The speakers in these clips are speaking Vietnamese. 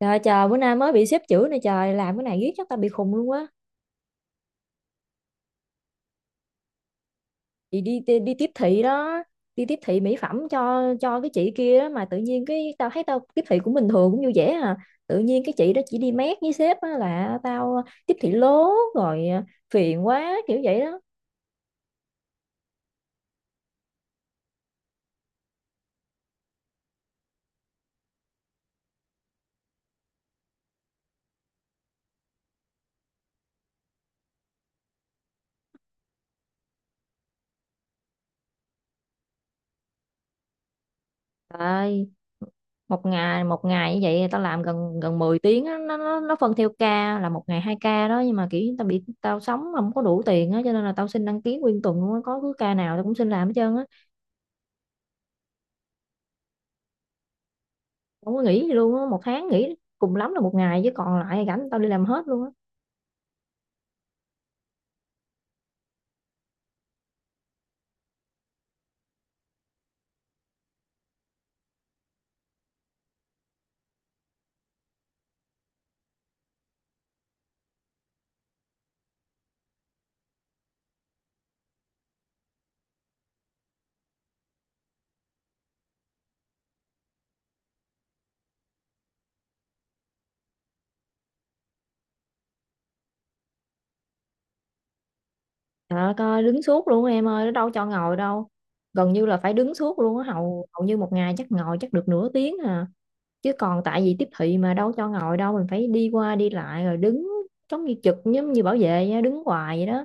Trời trời, bữa nay mới bị xếp chữ này, trời làm cái này riết chắc tao bị khùng luôn á. Chị đi, đi đi tiếp thị đó, đi tiếp thị mỹ phẩm cho cái chị kia đó mà tự nhiên cái tao thấy tao tiếp thị cũng bình thường cũng vui vẻ à. Tự nhiên cái chị đó chỉ đi mét với sếp á là tao tiếp thị lố rồi à, phiền quá kiểu vậy đó. Trời, một ngày như vậy tao làm gần gần 10 tiếng á, nó phân theo ca là một ngày hai ca đó, nhưng mà kiểu tao bị tao sống không có đủ tiền á, cho nên là tao xin đăng ký nguyên tuần luôn á, có cứ ca nào tao cũng xin làm hết trơn á. Không có nghỉ gì luôn á, một tháng nghỉ cùng lắm là một ngày, chứ còn lại rảnh tao đi làm hết luôn á. Trời ơi, coi đứng suốt luôn á em ơi, nó đâu cho ngồi đâu, gần như là phải đứng suốt luôn á, hầu hầu như một ngày chắc ngồi chắc được nửa tiếng à, chứ còn tại vì tiếp thị mà đâu cho ngồi đâu, mình phải đi qua đi lại rồi đứng, giống như trực giống như bảo vệ á, đứng hoài vậy đó.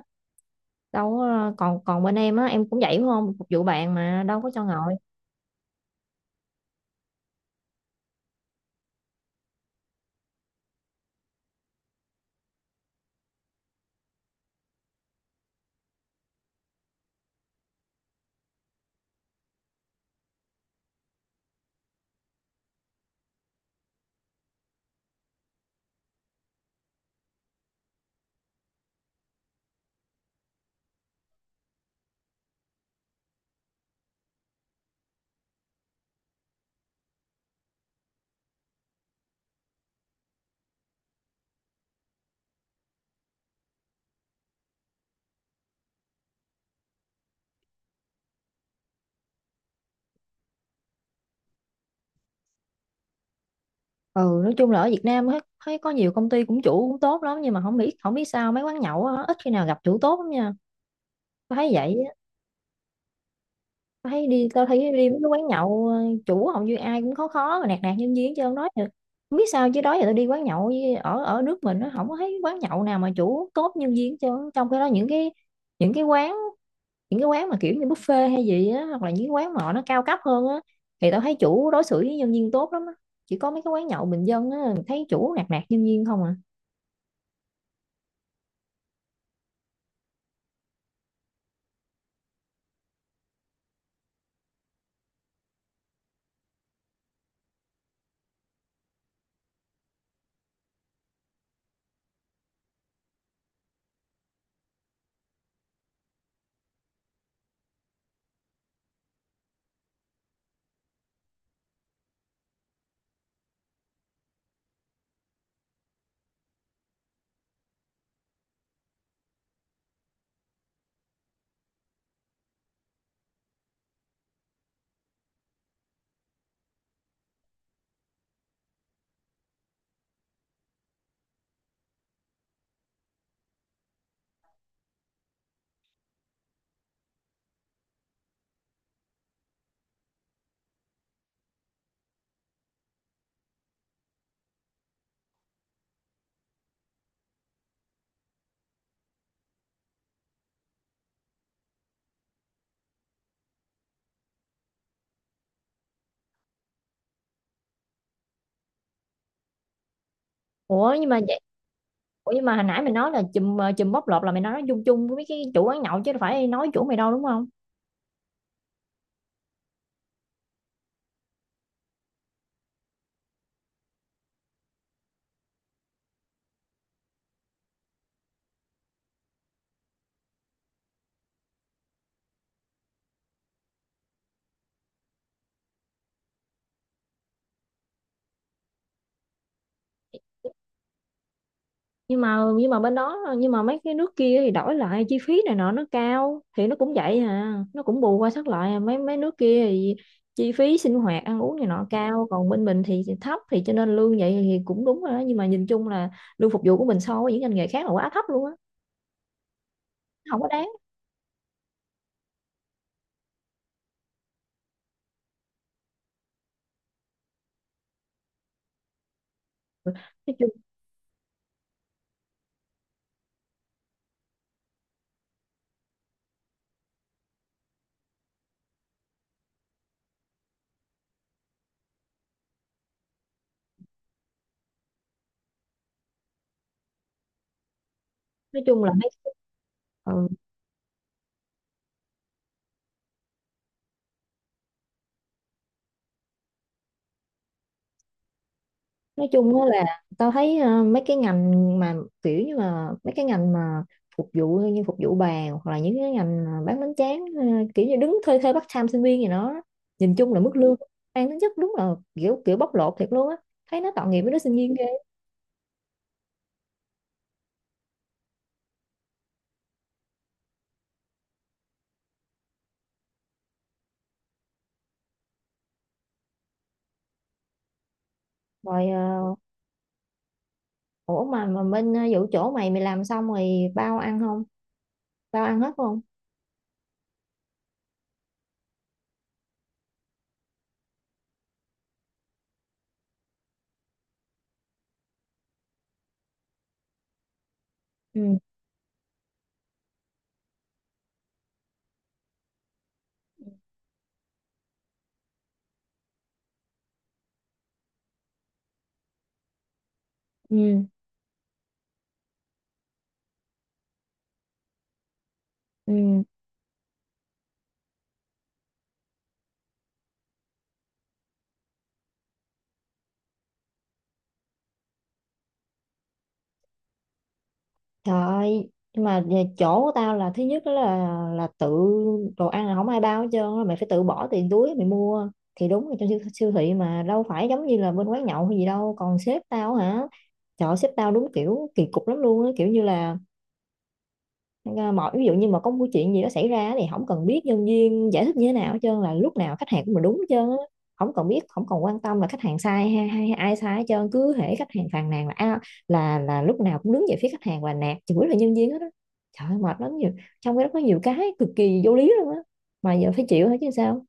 Đâu có- còn còn bên em á, em cũng vậy đúng không, phục vụ bạn mà đâu có cho ngồi. Ừ, nói chung là ở Việt Nam á, thấy có nhiều công ty cũng chủ cũng tốt lắm, nhưng mà không biết sao mấy quán nhậu á, ít khi nào gặp chủ tốt lắm nha. Tao thấy vậy á. Tao thấy đi, tao thấy đi mấy cái quán nhậu chủ hầu như ai cũng khó, khó mà nạt nạt nhân viên chứ không nói được. Không biết sao chứ đó giờ tao đi quán nhậu với- ở ở nước mình nó không có thấy quán nhậu nào mà chủ tốt nhân viên, chứ trong cái đó những cái, những cái quán những cái quán mà kiểu như buffet hay gì á, hoặc là những quán mà họ nó cao cấp hơn á, thì tao thấy chủ đối xử với nhân viên tốt lắm á. Chỉ có mấy cái quán nhậu bình dân á, thấy chủ nạt nạt nhân viên không à. Ủa nhưng mà vậy, ủa nhưng mà hồi nãy mày nói là chùm chùm bóc lột, là mày nói chung chung với mấy cái chủ quán nhậu chứ đâu phải nói chủ mày đâu đúng không. Nhưng mà bên đó, nhưng mà mấy cái nước kia thì đổi lại chi phí này nọ nó cao thì nó cũng vậy à, nó cũng bù qua sát lại à. Mấy mấy nước kia thì chi phí sinh hoạt ăn uống này nọ cao, còn bên mình thì thấp, thì cho nên lương vậy thì cũng đúng rồi đó, nhưng mà nhìn chung là lương phục vụ của mình so với những ngành nghề khác là quá thấp luôn á, không có đáng. Nói chung nói chung là mấy Ừ. Nói chung á là tao thấy mấy cái ngành mà kiểu như là mấy cái ngành mà phục vụ, như phục vụ bàn, hoặc là những cái ngành mà bán bánh tráng kiểu như đứng thuê, part time sinh viên gì đó, nhìn chung là mức lương mang tính chất đúng là kiểu kiểu bóc lột thiệt luôn á, thấy nó tội nghiệp với đứa sinh viên ghê. Rồi ủa mà bên vụ chỗ mày, làm xong rồi bao ăn không, bao ăn hết không? Ừ. Ừ. Ừ. Trời ơi, nhưng mà về chỗ của tao là thứ nhất đó là tự, đồ ăn là không ai bao hết trơn á, mày phải tự bỏ tiền túi mày mua, thì đúng là trong siêu thị mà đâu phải giống như là bên quán nhậu hay gì đâu. Còn sếp tao hả, trời ơi, sếp tao đúng kiểu kỳ cục lắm luôn á, kiểu như là nên mọi ví dụ như mà có một chuyện gì đó xảy ra thì không cần biết nhân viên giải thích như thế nào hết trơn, là lúc nào khách hàng cũng là đúng hết trơn á. Không cần biết không cần quan tâm là khách hàng sai hay, hay ai sai hết trơn, cứ hễ khách hàng phàn nàn là à, là lúc nào cũng đứng về phía khách hàng và nạt chửi là nhân viên hết á. Trời ơi, mệt lắm nhiều, trong cái đó có nhiều cái cực kỳ vô lý luôn á, mà giờ phải chịu hết chứ sao.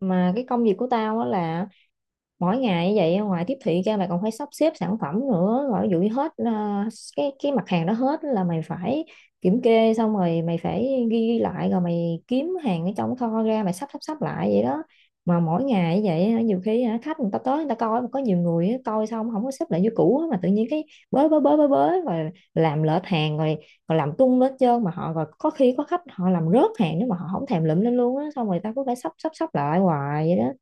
Mà cái công việc của tao á là mỗi ngày như vậy ngoài tiếp thị ra mày còn phải sắp xếp sản phẩm nữa, rồi ví dụ như hết à, cái mặt hàng đó hết là mày phải kiểm kê xong rồi mày phải ghi lại, rồi mày kiếm hàng ở trong kho ra mày sắp sắp sắp lại vậy đó. Mà mỗi ngày như vậy hả, nhiều khi hả, khách người ta tới người ta coi mà có nhiều người á, coi xong không có xếp lại như cũ á, mà tự nhiên cái bới bới bới bới bới rồi làm lệch hàng rồi, còn làm tung lên trơn, mà họ rồi có khi có khách họ làm rớt hàng, nếu mà họ không thèm lụm lên luôn á, xong rồi ta cứ phải sắp sắp sắp lại hoài vậy đó.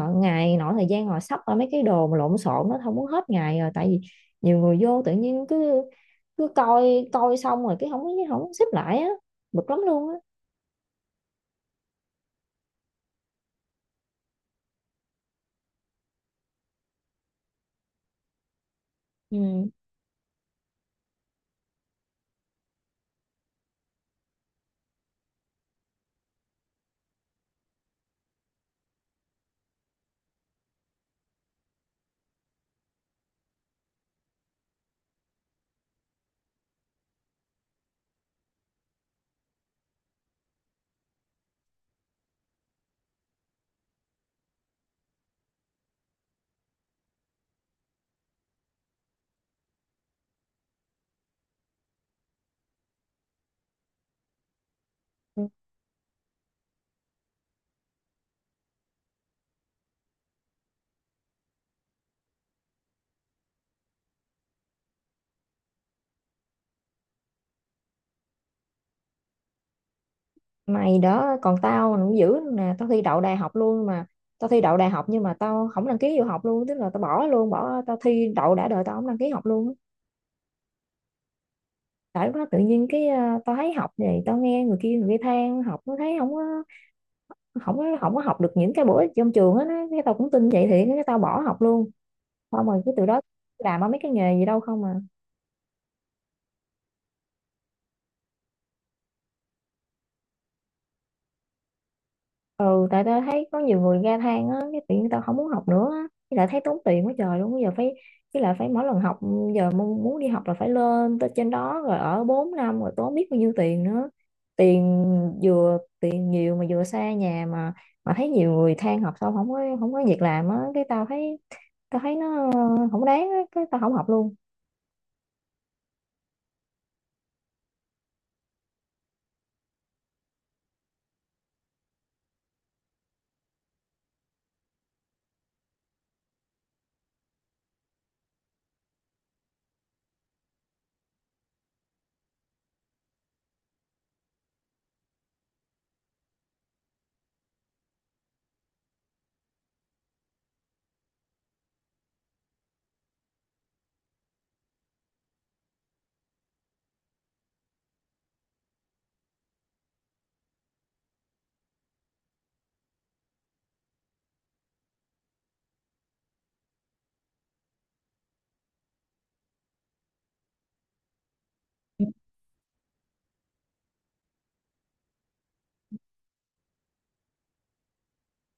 Họ ngày nọ thời gian ngồi sắp ra mấy cái đồ mà lộn xộn nó không muốn hết ngày rồi, tại vì nhiều người vô tự nhiên cứ cứ coi, coi xong rồi cái không không xếp lại á, bực lắm luôn á. Ừ. Mày đó, còn tao nó dữ nè, tao thi đậu đại học luôn mà, tao thi đậu đại học nhưng mà tao không đăng ký vô học luôn, tức là tao bỏ luôn, bỏ, tao thi đậu đã đời tao không đăng ký học luôn á. Tại lúc đó tự nhiên cái tao thấy học này, tao nghe người kia than học nó thấy không có, không có học được những cái bổ ích trong trường á, cái tao cũng tin vậy thì cái tao bỏ học luôn, xong rồi cái từ đó làm ở mấy cái nghề gì đâu không à. Ừ, tại tao thấy có nhiều người ga than á, cái tự nhiên tao không muốn học nữa á, với lại thấy tốn tiền quá trời luôn bây giờ phải, với lại phải mỗi lần học, giờ muốn đi học là phải lên tới trên đó rồi ở 4 năm rồi tốn biết bao nhiêu tiền nữa, tiền, vừa tiền nhiều mà vừa xa nhà mà thấy nhiều người than học xong không có, không có việc làm á, cái tao thấy, tao thấy nó không đáng á, cái tao không học luôn.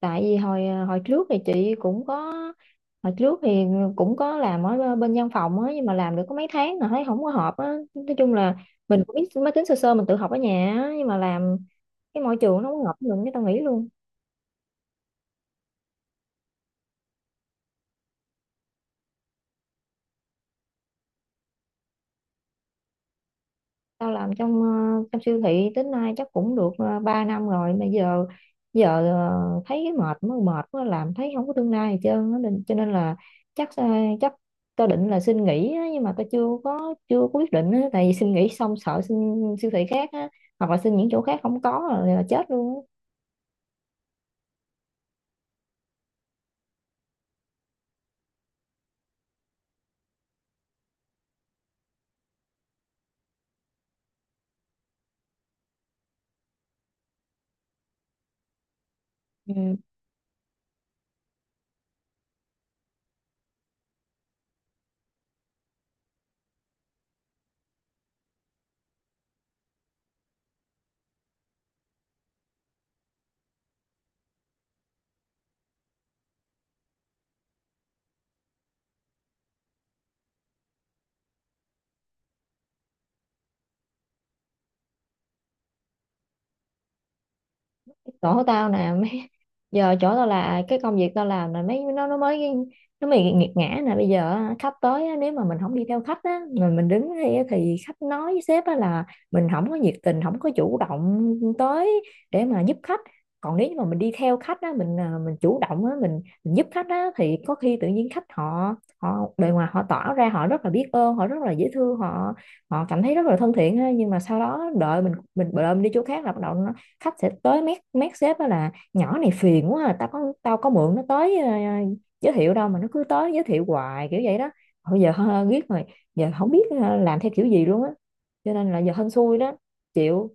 Tại vì hồi hồi trước thì chị cũng có, hồi trước thì cũng có làm ở bên văn phòng á, nhưng mà làm được có mấy tháng rồi thấy không có hợp á, nói chung là mình cũng biết máy tính sơ sơ, mình tự học ở nhà á, nhưng mà làm cái môi trường nó không hợp với mình, cái tao nghỉ luôn. Tao làm trong trong siêu thị tới nay chắc cũng được 3 năm rồi, mà giờ giờ thấy cái mệt, mới mệt mới làm thấy không có tương lai gì trơn á. Nên- cho nên là chắc chắc tao định là xin nghỉ á, nhưng mà tao chưa có quyết định á, tại vì xin nghỉ xong sợ xin siêu thị khác á, hoặc là xin những chỗ khác không có rồi là chết luôn á. Ừ. Chỗ tao nè mấy, giờ chỗ tao là cái công việc tao làm là mấy nó mới nghiệt ngã nè, bây giờ á, khách tới á, nếu mà mình không đi theo khách á mà mình đứng đây á, thì khách nói với sếp á là mình không có nhiệt tình không có chủ động tới để mà giúp khách, còn nếu như mà mình đi theo khách á, mình à, mình chủ động á, mình giúp khách á, thì có khi tự nhiên khách họ, họ bề ngoài họ tỏ ra họ rất là biết ơn, họ rất là dễ thương, họ họ cảm thấy rất là thân thiện ha, nhưng mà sau đó đợi mình đợi mình đi chỗ khác là bắt đầu nó, khách sẽ tới mét mét sếp đó là nhỏ này phiền quá à, tao có mượn nó tới giới thiệu đâu mà nó cứ tới giới thiệu hoài kiểu vậy đó. Bây giờ hơ, biết rồi, giờ không biết làm theo kiểu gì luôn á, cho nên là giờ hên xui đó, chịu.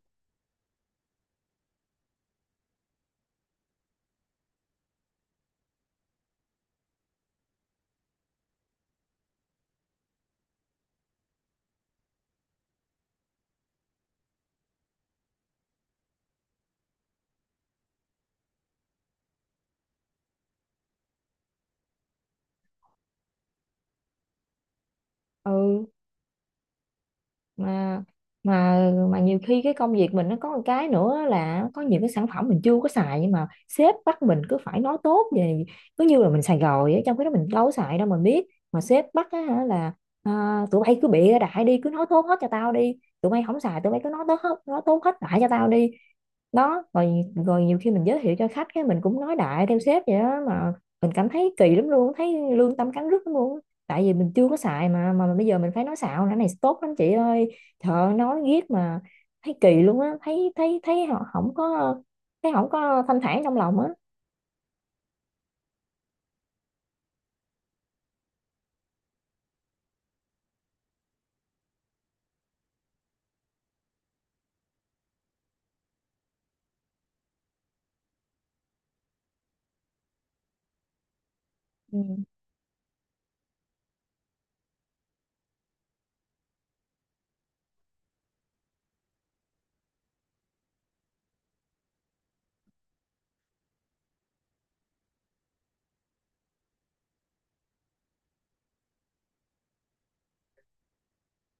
Ừ. Mà mà nhiều khi cái công việc mình nó có một cái nữa là có những cái sản phẩm mình chưa có xài, nhưng mà sếp bắt mình cứ phải nói tốt về, cứ như là mình xài rồi á, trong khi đó mình đâu có xài đâu mình biết. Mà sếp bắt á, hả là à, tụi bay cứ bịa đại đi, cứ nói tốt hết cho tao đi, tụi bay không xài tụi bay cứ nói tốt hết, nói tốt hết đại cho tao đi. Đó rồi, rồi nhiều khi mình giới thiệu cho khách cái mình cũng nói đại theo sếp vậy đó mà, mình cảm thấy kỳ lắm luôn, thấy lương tâm cắn rứt lắm luôn á. Tại vì mình chưa có xài mà bây giờ mình phải nói xạo nữa này, tốt lắm chị ơi. Trời ơi, nói riết mà thấy kỳ luôn á, thấy thấy thấy họ không có, thấy không có thanh thản trong lòng á. Ừ.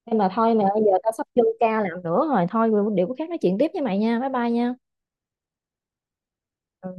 Em mà thôi mày ơi, giờ tao sắp vô ca làm nữa rồi, thôi điều có khác nói chuyện tiếp với mày nha. Bye bye nha. Ừ.